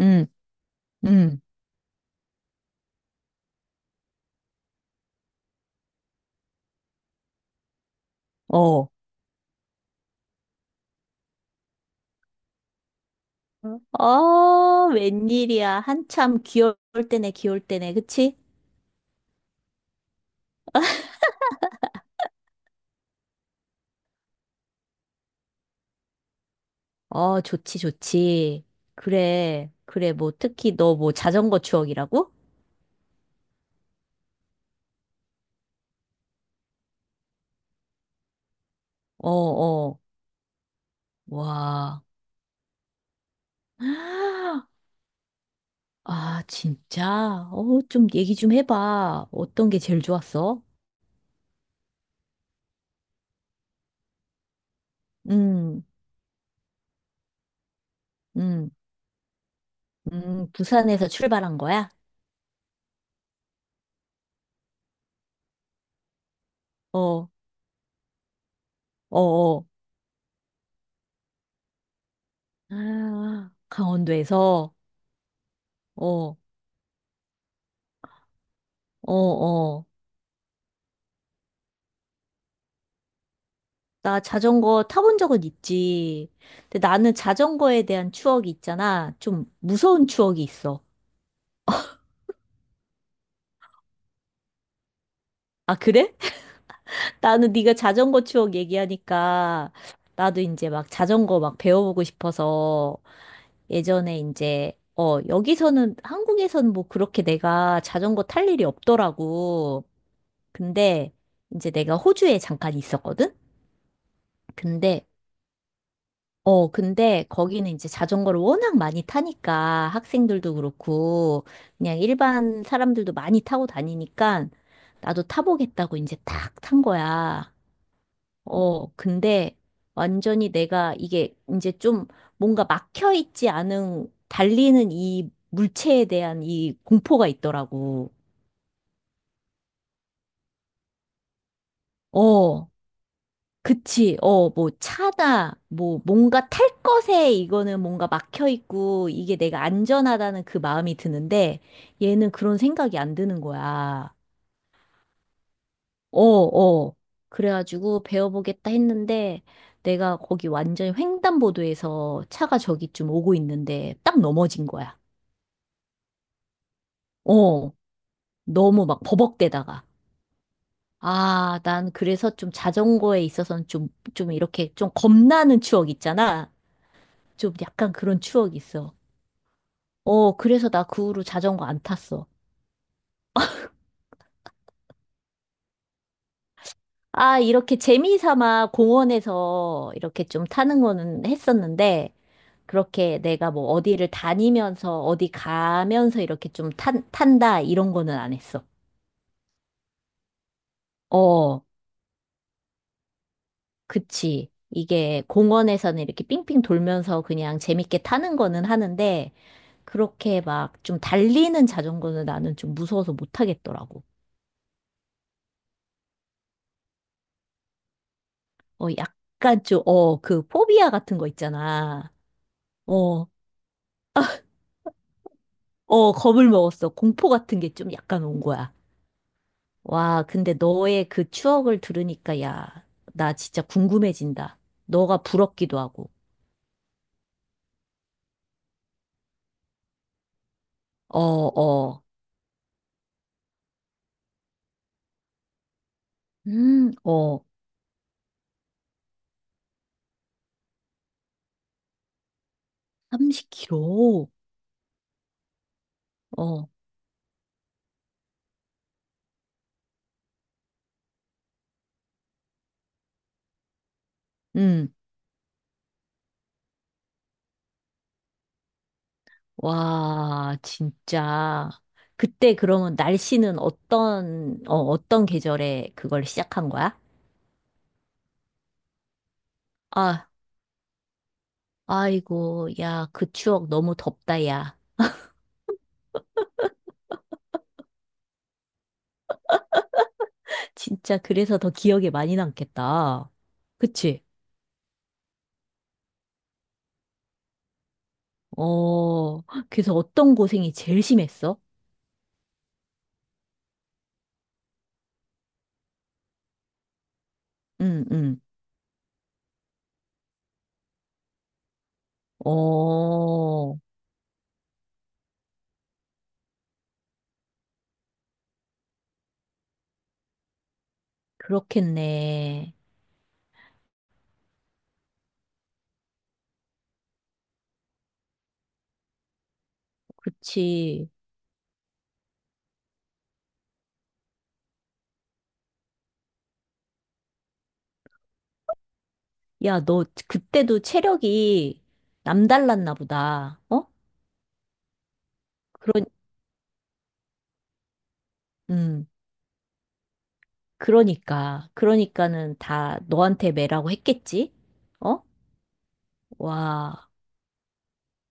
음, 음, 어. 응? 어, 웬일이야. 한참 귀여울 때네, 귀여울 때네. 그치? 어, 좋지, 좋지. 그래, 그래. 뭐, 특히 너 뭐 자전거 추억이라고? 어, 어. 와. 아, 진짜? 어, 좀 얘기 좀 해봐. 어떤 게 제일 좋았어? 음, 음, 부산에서 출발한 거야? 어, 어, 어. 아, 강원도에서? 어, 어, 어. 나 자전거 타본 적은 있지. 근데 나는 자전거에 대한 추억이 있잖아. 좀 무서운 추억이 있어. 아, 그래? 나는 네가 자전거 추억 얘기하니까 나도 이제 막 자전거 막 배워보고 싶어서 예전에 이제 여기서는 한국에서는 뭐 그렇게 내가 자전거 탈 일이 없더라고. 근데 이제 내가 호주에 잠깐 있었거든? 근데 근데 거기는 이제 자전거를 워낙 많이 타니까 학생들도 그렇고 그냥 일반 사람들도 많이 타고 다니니까 나도 타보겠다고 이제 딱 탄 거야. 어, 근데 완전히 내가 이게 이제 좀 뭔가 막혀 있지 않은 달리는 이 물체에 대한 이 공포가 있더라고. 어, 그치. 어, 뭐, 차다. 뭐, 뭔가 탈 것에 이거는 뭔가 막혀 있고, 이게 내가 안전하다는 그 마음이 드는데, 얘는 그런 생각이 안 드는 거야. 어, 어. 그래가지고 배워보겠다 했는데, 내가 거기 완전히 횡단보도에서 차가 저기쯤 오고 있는데, 딱 넘어진 거야. 어, 너무 막 버벅대다가. 아, 난 그래서 좀 자전거에 있어서는 좀, 좀 이렇게 좀 겁나는 추억 있잖아. 좀 약간 그런 추억이 있어. 어, 그래서 나 그 후로 자전거 안 탔어. 아, 이렇게 재미삼아 공원에서 이렇게 좀 타는 거는 했었는데, 그렇게 내가 뭐 어디를 다니면서, 어디 가면서 이렇게 좀 탄다, 이런 거는 안 했어. 어, 그치. 이게 공원에서는 이렇게 삥삥 돌면서 그냥 재밌게 타는 거는 하는데, 그렇게 막 좀 달리는 자전거는 나는 좀 무서워서 못 타겠더라고. 어, 약간 좀, 어, 그 포비아 같은 거 있잖아. 어. 어, 겁을 먹었어. 공포 같은 게 좀 약간 온 거야. 와, 근데 너의 그 추억을 들으니까, 야, 나 진짜 궁금해진다. 너가 부럽기도 하고. 어, 어, 어, 30kg. 어, 음, 와, 진짜. 그때 그러면 날씨는 어떤, 어, 어떤 계절에 그걸 시작한 거야? 아, 아이고, 야, 그 추억 너무 덥다, 야. 진짜 그래서 더 기억에 많이 남겠다. 그치? 어, 그래서 어떤 고생이 제일 심했어? 응, 응. 어, 그렇겠네. 그치. 야, 너 그때도 체력이 남달랐나 보다. 어? 그런, 음, 그러니까. 그러니까는 다 너한테 매라고 했겠지? 어? 와,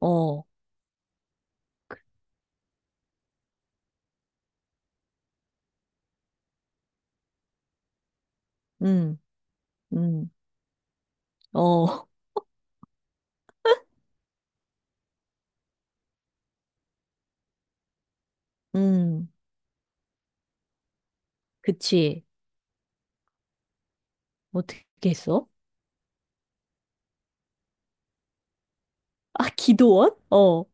어, 음, 음, 어, 음, 그치. 어떻게 했어? 아, 기도원? 어,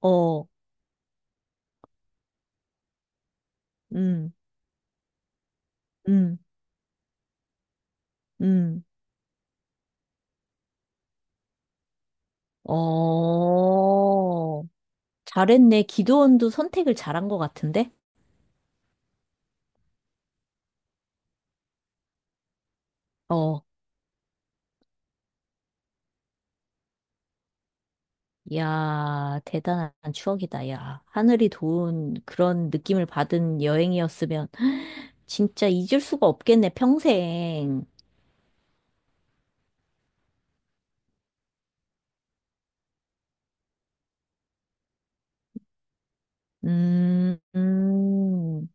어, 음, 음, 음. 어, 잘했네. 기도원도 선택을 잘한 것 같은데? 어, 야, 대단한 추억이다, 야. 하늘이 도운 그런 느낌을 받은 여행이었으면 진짜 잊을 수가 없겠네, 평생. 음, 음.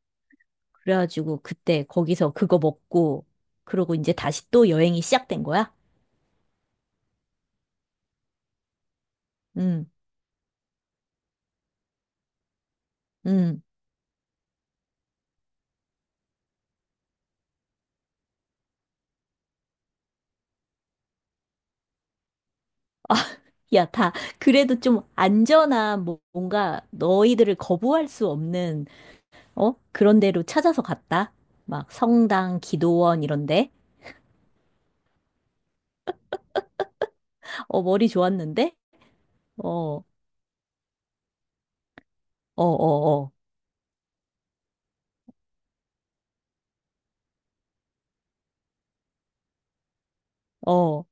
그래가지고 그때 거기서 그거 먹고, 그러고 이제 다시 또 여행이 시작된 거야? 음, 음. 야, 다, 그래도 좀 안전한, 뭐- 뭔가 너희들을 거부할 수 없는 어? 그런 데로 찾아서 갔다. 막 성당, 기도원 이런데. 어, 머리 좋았는데? 어, 어, 어, 어, 어,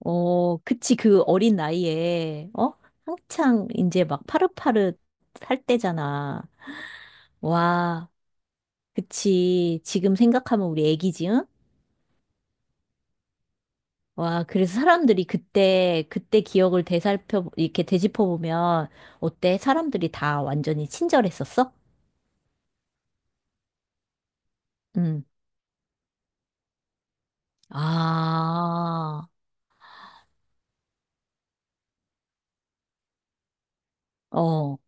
어, 그치. 그 어린 나이에, 어? 한창 이제 막 파릇파릇 살 때잖아. 와, 그치. 지금 생각하면 우리 애기지, 응? 와, 그래서 사람들이 그때, 그때 기억을 되살펴, 이렇게 되짚어보면, 어때? 사람들이 다 완전히 친절했었어? 응. 아, 어.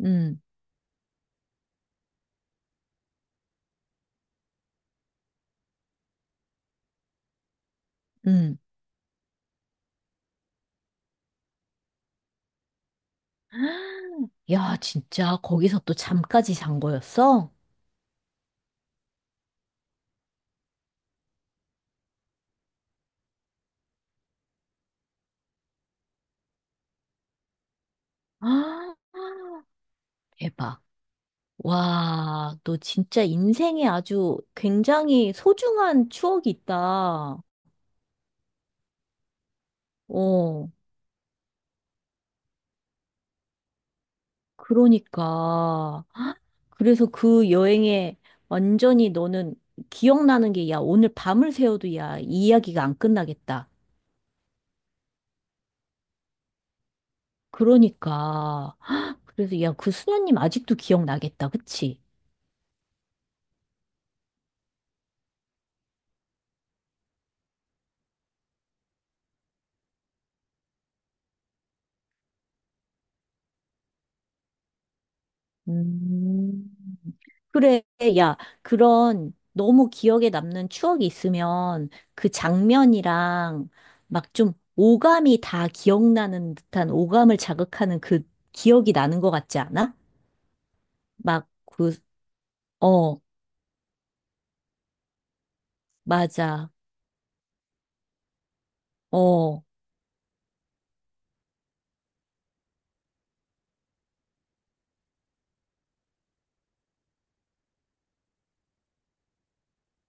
음. 응. 야, 진짜 거기서 또 잠까지 잔 거였어? 아, 대박. 와, 너 진짜 인생에 아주 굉장히 소중한 추억이 있다. 어, 그러니까. 그래서 그 여행에 완전히 너는 기억나는 게, 야, 오늘 밤을 새워도 야, 이 이야기가 안 끝나겠다. 그러니까. 그래서 야, 그 수녀님 아직도 기억나겠다. 그치? 음. 그래, 야, 그런 너무 기억에 남는 추억이 있으면 그 장면이랑 막 좀 오감이 다 기억나는 듯한 오감을 자극하는 그 기억이 나는 것 같지 않아? 막 그, 어, 맞아. 어.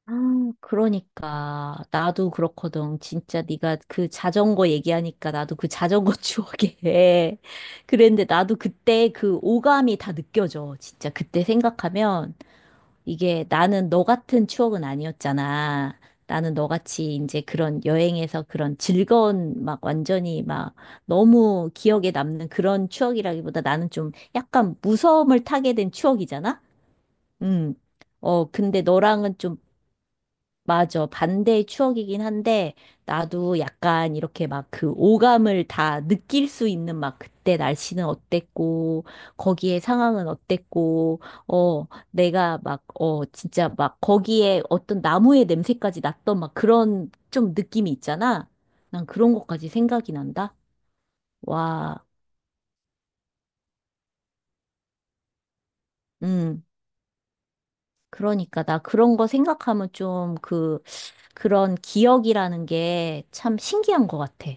아, 그러니까 나도 그렇거든. 진짜 네가 그 자전거 얘기하니까 나도 그 자전거 추억에 그랬는데 나도 그때 그 오감이 다 느껴져. 진짜 그때 생각하면 이게 나는 너 같은 추억은 아니었잖아. 나는 너같이 이제 그런 여행에서 그런 즐거운 막 완전히 막 너무 기억에 남는 그런 추억이라기보다 나는 좀 약간 무서움을 타게 된 추억이잖아? 음. 어, 근데 너랑은 좀 맞아. 반대의 추억이긴 한데, 나도 약간 이렇게 막 그 오감을 다 느낄 수 있는 막 그때 날씨는 어땠고, 거기에 상황은 어땠고, 어, 내가 막, 어, 진짜 막 거기에 어떤 나무의 냄새까지 났던 막 그런 좀 느낌이 있잖아. 난 그런 것까지 생각이 난다. 와, 음. 그러니까 나 그런 거 생각하면 좀 그, 그런 기억이라는 게 참 신기한 것 같아.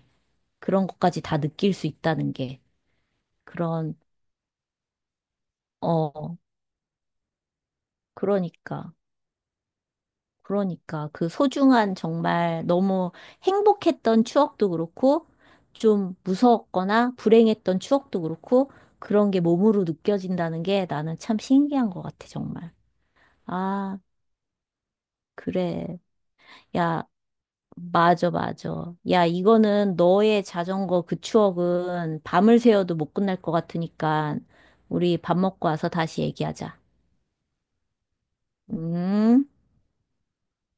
그런 것까지 다 느낄 수 있다는 게 그런 어 그러니까 그러니까 그 소중한 정말 너무 행복했던 추억도 그렇고 좀 무서웠거나 불행했던 추억도 그렇고 그런 게 몸으로 느껴진다는 게 나는 참 신기한 것 같아 정말 아 그래 야 맞아 맞아 야 이거는 너의 자전거 그 추억은 밤을 새워도 못 끝날 것 같으니까 우리 밥 먹고 와서 다시 얘기하자 음